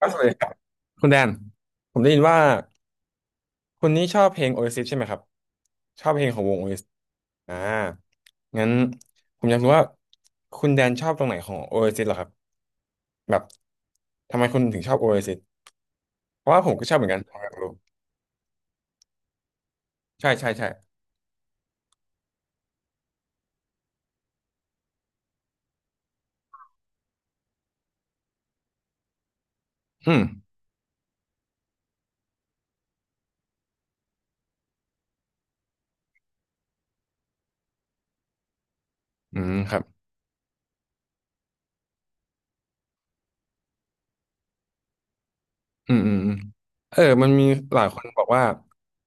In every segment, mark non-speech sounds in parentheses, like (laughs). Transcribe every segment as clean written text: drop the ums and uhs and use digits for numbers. ก็สวัสดีครับคุณแดนผมได้ยินว่าคุณนี่ชอบเพลง Oasis ใช่ไหมครับชอบเพลงของวง Oasis อเอสงั้นผมอยากรู้ว่าคุณแดนชอบตรงไหนของ Oasis เอสไอเหรอครับแบบทำไมคุณถึงชอบ Oasis เอสไอเพราะว่าผมก็ชอบเหมือนกันผมอยากรู้ใช่ใช่ใช่อืมอืมครับอืมอืมอืมเออมันมีหลายคนบอกว่า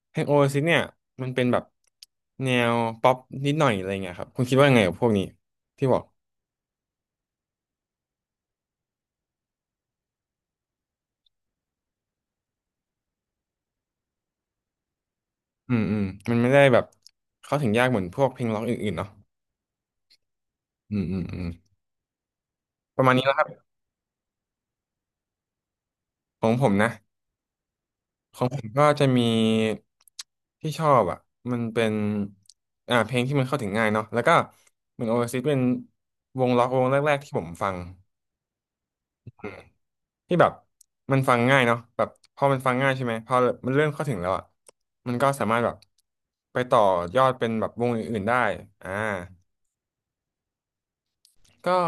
เพลง Oasis เอสไอเนี่ยมันเป็นแบบแนวป๊อปนิดหน่อยอะไรเงี้ยครับคุณคิดว่าไงกับพวกนี้ที่บอก อืมอืมมันไม่ได้แบบเข้าถึงยากเหมือนพวกเพลงร็อกอื่นๆเนาะอืมอืมอืมประมาณนี้แล้วครับของผมนะของผมก็จะมีที่ชอบอ่ะมันเป็นเพลงที่มันเข้าถึงง่ายเนาะแล้วก็เหมือนโอเอซิสเป็นวงร็อกวงแรกๆที่ผมฟังอืมที่แบบมันฟังง่ายเนาะแบบพอมันฟังง่ายใช่ไหมพอมันเริ่มเข้าถึงแล้วอ่ะมันก็สามารถแบบไปต่อยอดเป็นแบบวงอื่นๆได้อ่า ก็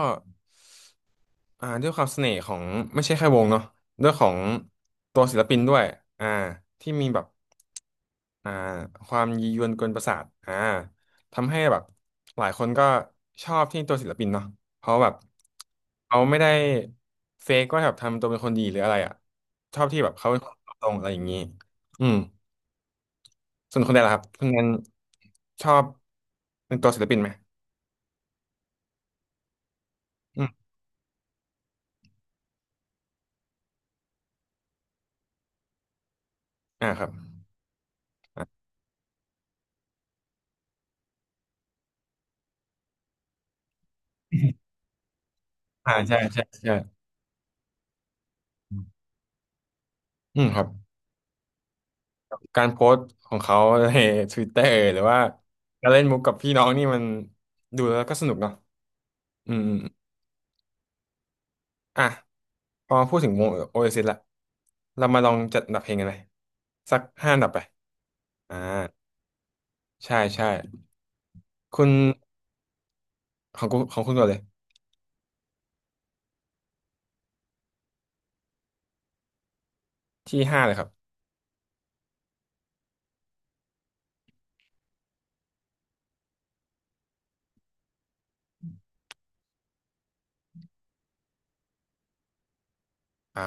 ด้วยความเสน่ห์ของไม่ใช่แค่วงเนาะด้วยของตัวศิลปินด้วยอ่าที่มีแบบอ่าความยียวนกวนประสาทอ่าทำให้แบบหลายคนก็ชอบที่ตัวศิลปินเนาะเพราะแบบเขาไม่ได้เฟกว่าแบบทำตัวเป็นคนดีหรืออะไรอ่ะชอบที่แบบเขาเป็นคนตรงๆอะไรอย่างนี้อืมส่วนคนแดนล่ะครับคุณแดนชอบเป็นตัวศิลปินไหมอืมครับ (laughs) อ่าใช่ใช่ใช่ อืมครับการโพสต์ของเขาใน Twitter หรือว่าการเล่นมุกกับพี่น้องนี่มันดูแล้วก็สนุกเนาะอืมอมอ่ะพอพูดถึงวงโอเอซิสละเรามาลองจัดอันดับเพลงกันเลยสักห้าอันดับไปอ่าใช่ใช่คุณของคุณก่อนเลยที่ห้าเลยครับอ่า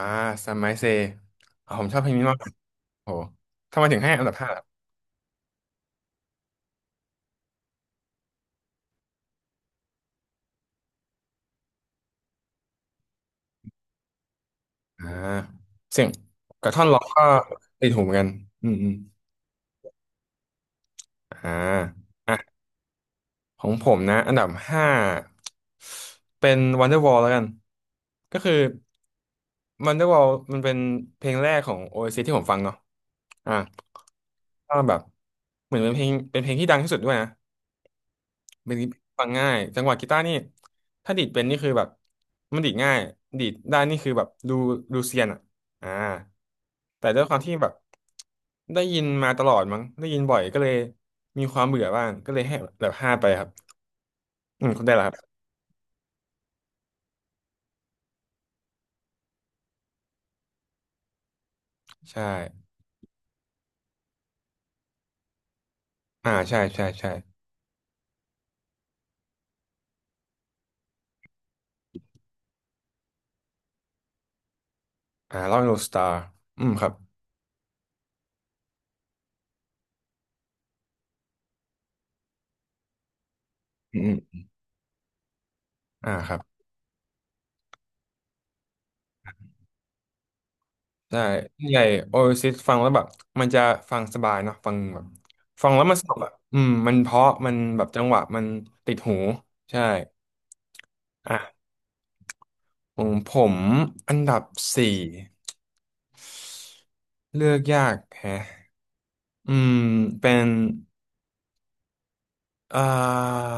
ซัมไมเซอ่ะผมชอบเพลงนี้มากโอ้โหทำไมถึงให้อันดับห้าล่ะอ่าเสียงกับท่อนร้องก็ติดหูเหมือนกันอืมอืมอ่า ของผมนะอันดับห้าเป็น Wonderwall แล้วกันก็คือ Wonderwall มันเป็นเพลงแรกของ o a s c ที่ผมฟังเนาะอ่ะก็แบบเหมือนเป็นเพลงที่ดังที่สุดด้วยนะเป็นฟังง่ายจังหวะกีตาร์นี่ถ้าดีดเป็นนี่คือแบบมันดีดง่ายดีดได้นี่คือแบบดูเซียนอ่ะอ่าแต่ด้วยความที่แบบได้ยินมาตลอดมั้งได้ยินบ่อยก็เลยมีความเบื่อบ้างก็เลยให้แบบห้าไปครับอืมคุณได้ละ ใช่ อ่าใช่ ใช่ ใช่ อ่าลองดูสตาร์อืมครับ อืมอมครับ ใช่่ใหญ่โอซิสฟังแล้วแบบ มันจะฟังสบายเนาะฟังแบบ ฟังแล้วมันสนุกอ่ะอืม มันเพราะ มันแบบจังหวะ มันติดหู ใช่ อ่ะผมอันดับสี่เลือกยากแฮะอืม เป็น อ่า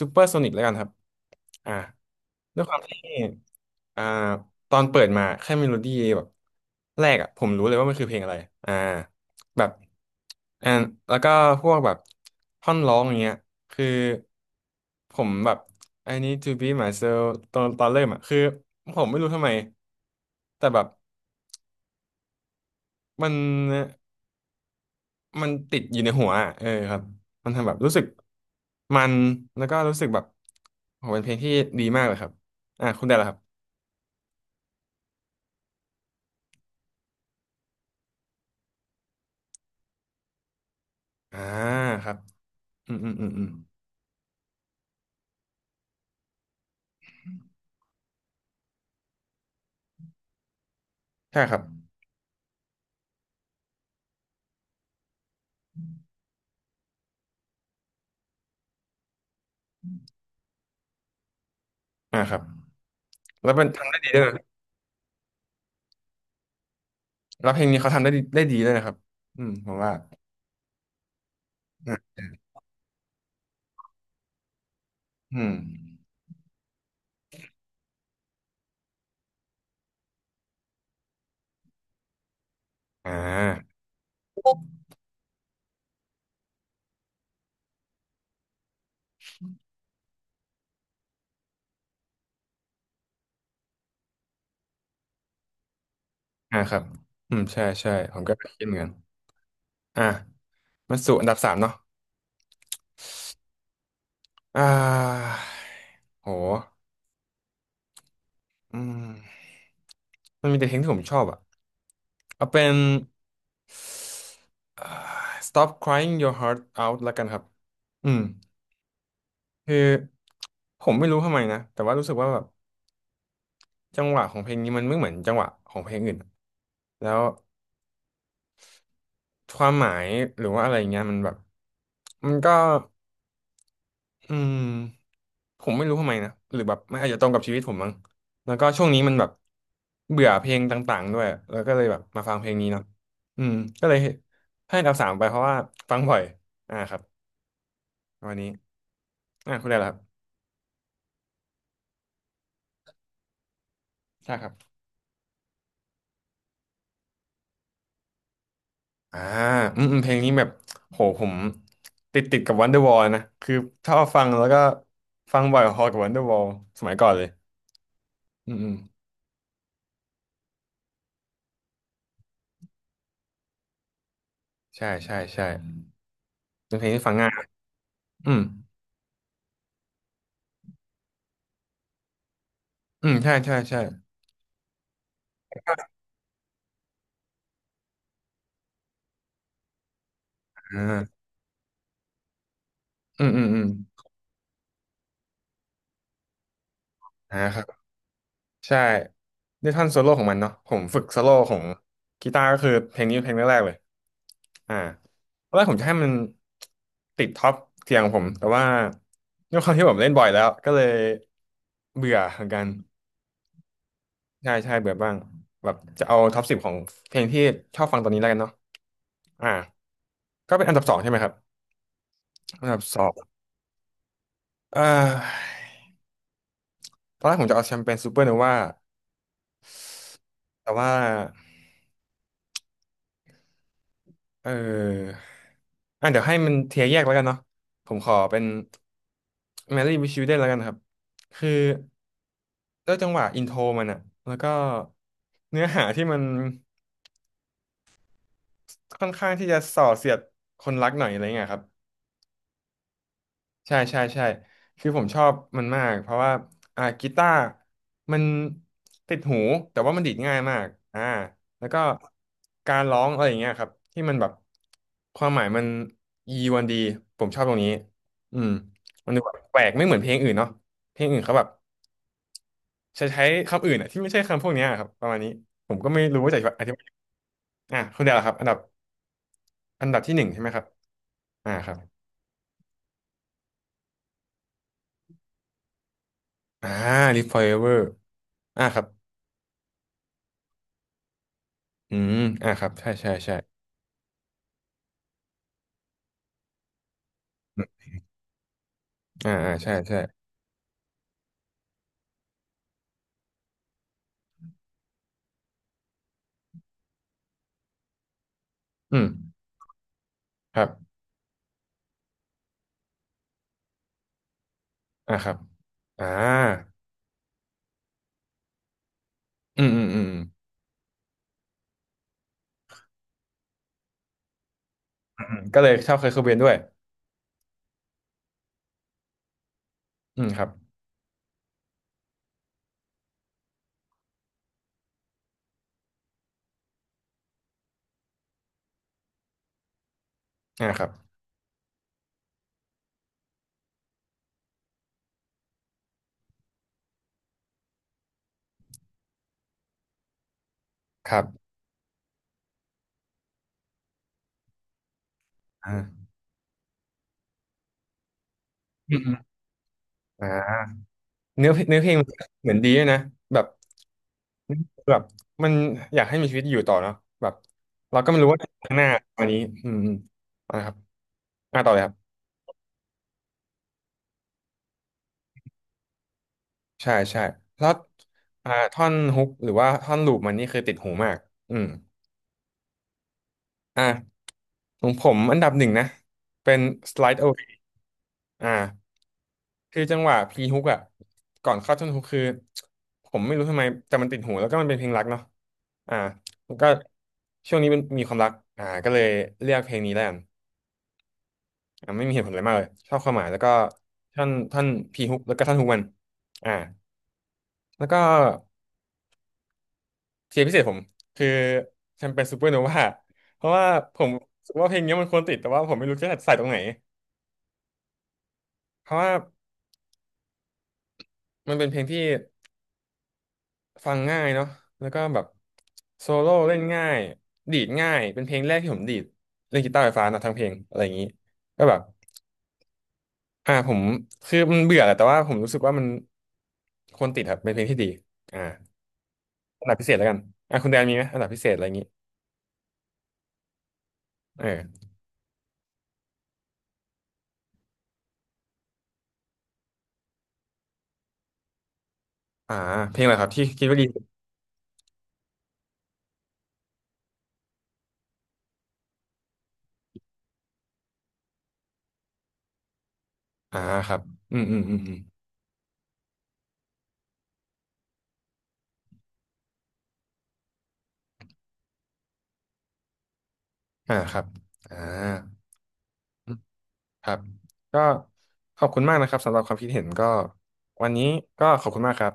ซูเปอร์โซนิกแล้วกันครับอ่าด้วยความที่อ่าตอนเปิดมาแค่เมโลดี้แบบแรกอ่ะผมรู้เลยว่ามันคือเพลงอะไรอ่าแบบอ่าแล้วก็พวกแบบท่อนร้องอย่างเงี้ยคือผมแบบ I need to be myself ตอนเริ่มอ่ะคือผมไม่รู้ทำไมแต่แบบมัน มันติดอยู่ในหัวอะเออครับมันทำแบบรู้สึกมันแล้วก็รู้สึกแบบโหเป็นเพลงที่ดีมากเลยครับคุณได้แล้วครับอ่าครับอืมอืมอืมอืมใช่ครับอ่าครับแล้วเป็นทำได้ดีด้วยนะแล้วเพลงนี้เขาทำได้ดีด้วยนะครับอืมผมว่าอ่ะอืมอ่าอ่าครับอืมใช่ใช่ผมก็คิดเหมือนกันอ่ะมาสู่อันดับสามเนาะอ่าโห อืมมันมีแต่เพลงที่ผมชอบอ่ะเอาเป็นเอ่อ Stop Crying Your Heart Out ละกันครับอืมคือผมไม่รู้ทำไมนะ แต่ว่ารู้สึกว่าแบบจังหวะของเพลงนี้มันไม่เหมือนจังหวะของเพลงอื่นอะแล้วความหมายหรือว่าอะไรเงี้ยมันแบบมันก็อืม ผมไม่รู้ทำไมนะหรือแบบมันอาจจะตรงกับชีวิตผมมั้งแล้วก็ช่วงนี้มันแบบเบื่อเพลงต่างๆด้วยแล้วก็เลยแบบมาฟังเพลงนี้เนาะอืมก็เลยให้อันดับสามไปเพราะว่าฟังบ่อยอ่าครับวันนี้คุณได้แล้วครับใช่ครับอ่าอืมอืมเพลงนี้แบบโหผมติดกับ Wonderwall นะคือชอบฟังแล้วก็ฟังบ่อยพอกับ Wonderwall สมัยก่อนเลยอืมอืมใช่ใช่ใช่เป็นเพลงที่ฟังง่ายอืมอืมใช่ใช่ใช่อ่าอืมอืมอืมอ่าครับ ใช่ด้วยท่อนโซโล่ของมันเนาะผมฝึกโซโล่ของกีตาร์ก็คือเพลงนี้เพลงแรกๆเลยอ่าตอนแรกผมจะให้มันติดท็อปเทียงของผมแต่ว่าด้วยความที่ผมเล่นบ่อยแล้วก็เลยเบื่อเหมือนกันใช่ใช่เบื่อบ้างแบบจะเอาท็อปสิบของเพลงที่ชอบฟังตอนนี้แล้วกันเนาะอ่าก็เป็นอันดับสองใช่ไหมครับอันดับสองเอ่อตอนแรกผมจะเอาแชมเปญซูเปอร์โนวาแต่ว่า เออเดี๋ยวให้มันเทียร์แยกแล้วกันเนาะผมขอเป็น Marry with Children แล้วกันนะครับ คือด้วยจังหวะอินโทรมันอะ แล้วก็เนื้อหาที่มันค่อนข้างที่จะส่อเสียดคนรักหน่อยอะไรเงี้ยครับ ใช่ใช่ใช่คือผมชอบมันมากเพราะว่ากีตาร์มันติดหูแต่ว่ามันดีดง่ายมากอ่าแล้วก็การร้องอะไรอย่างเงี้ยครับที่มันแบบความหมายมันยีวันดีผมชอบตรงนี้อืมมันดูแบบแปลกไม่เหมือนเพลงอื่นเนาะเพลงอื่นเขาแบบใช้ใช้คำอื่นอะที่ไม่ใช่คำพวกเนี้ยครับประมาณนี้ผมก็ไม่รู้ว่าจะอธิบายคุณเดาครับอันดับอันดับที่หนึ่งใช่ไหมครับอ่าครับอ่า Live Forever อ่าครับ อืมอ่าครับใช่ใช่ใช่อืมอ่าอ่าใช่ใช่อืมครับอ่าครับอ่าอืมอืมอืมอืมอืมก็เลยชอบเคเคิเบนด้วยอืมครับอ่าครับครับอ่าอืมอืมอ่าเนื้อเพลงเนื้อเพลงเหมือนดีด้วยนะแบบแบบ มันอยากให้มีชีวิตอยู่ต่อเนาะแบบเราก็ไม่รู้ว่าข้างหน้าตอนนี้อืมอืมอ่าครับอ่าต่อเลยครับ ใช่ใช่แล้วท่อนฮุกหรือว่าท่อนลูปมันนี่คือติดหูมากอืม อ่ะของผมอันดับหนึ่งนะเป็น slide away อ่าคือจังหวะพีฮุกอ่ะก่อนเข้าท่อนฮุกคือผมไม่รู้ทำไมแต่มันติดหูแล้วก็มันเป็นเพลงรักเนาะอ่าผมก็ช่วงนี้เป็นมีความรักก็เลยเลือกเพลงนี้แล้วกันไม่มีเหตุผลอะไรมากเลยชอบความหมายแล้วก็ท่อนท่อนพีฮุกแล้วก็ท่อนฮุกมันอ่าแล้วก็เทียร์พิเศษผมคือแชมเปญซูเปอร์โนวาเพราะว่าผมรู้สึกว่าเพลงนี้มันควรติดแต่ว่าผมไม่รู้จะใส่ตรงไหน เพราะว่ามันเป็นเพลงที่ฟังง่ายเนาะแล้วก็แบบโซโล่เล่นง่ายดีดง่ายเป็นเพลงแรกที่ผมดีดเล่นกีตาร์ไฟฟ้านะทั้งเพลงอะไรอย่างนี้ก็แบบผมคือมันเบื่อแหละแต่ว่าผมรู้สึกว่ามันควรติดครับเป็นเพลงที่ดีอ่าอันดับพิเศษแล้วกันคุณแดนมีไหมอันดับพิเศษอะไรอย่างนี้เอออ่าเพลงอะไรครับที่คิดว่าดีสุดอ่าครับอืมอืมอืมอืมอ่าครับอ่าอืมครับก็ขอบคุณมากนะครับสำหรับความคิดเห็นก็วันนี้ก็ขอบคุณมากครับ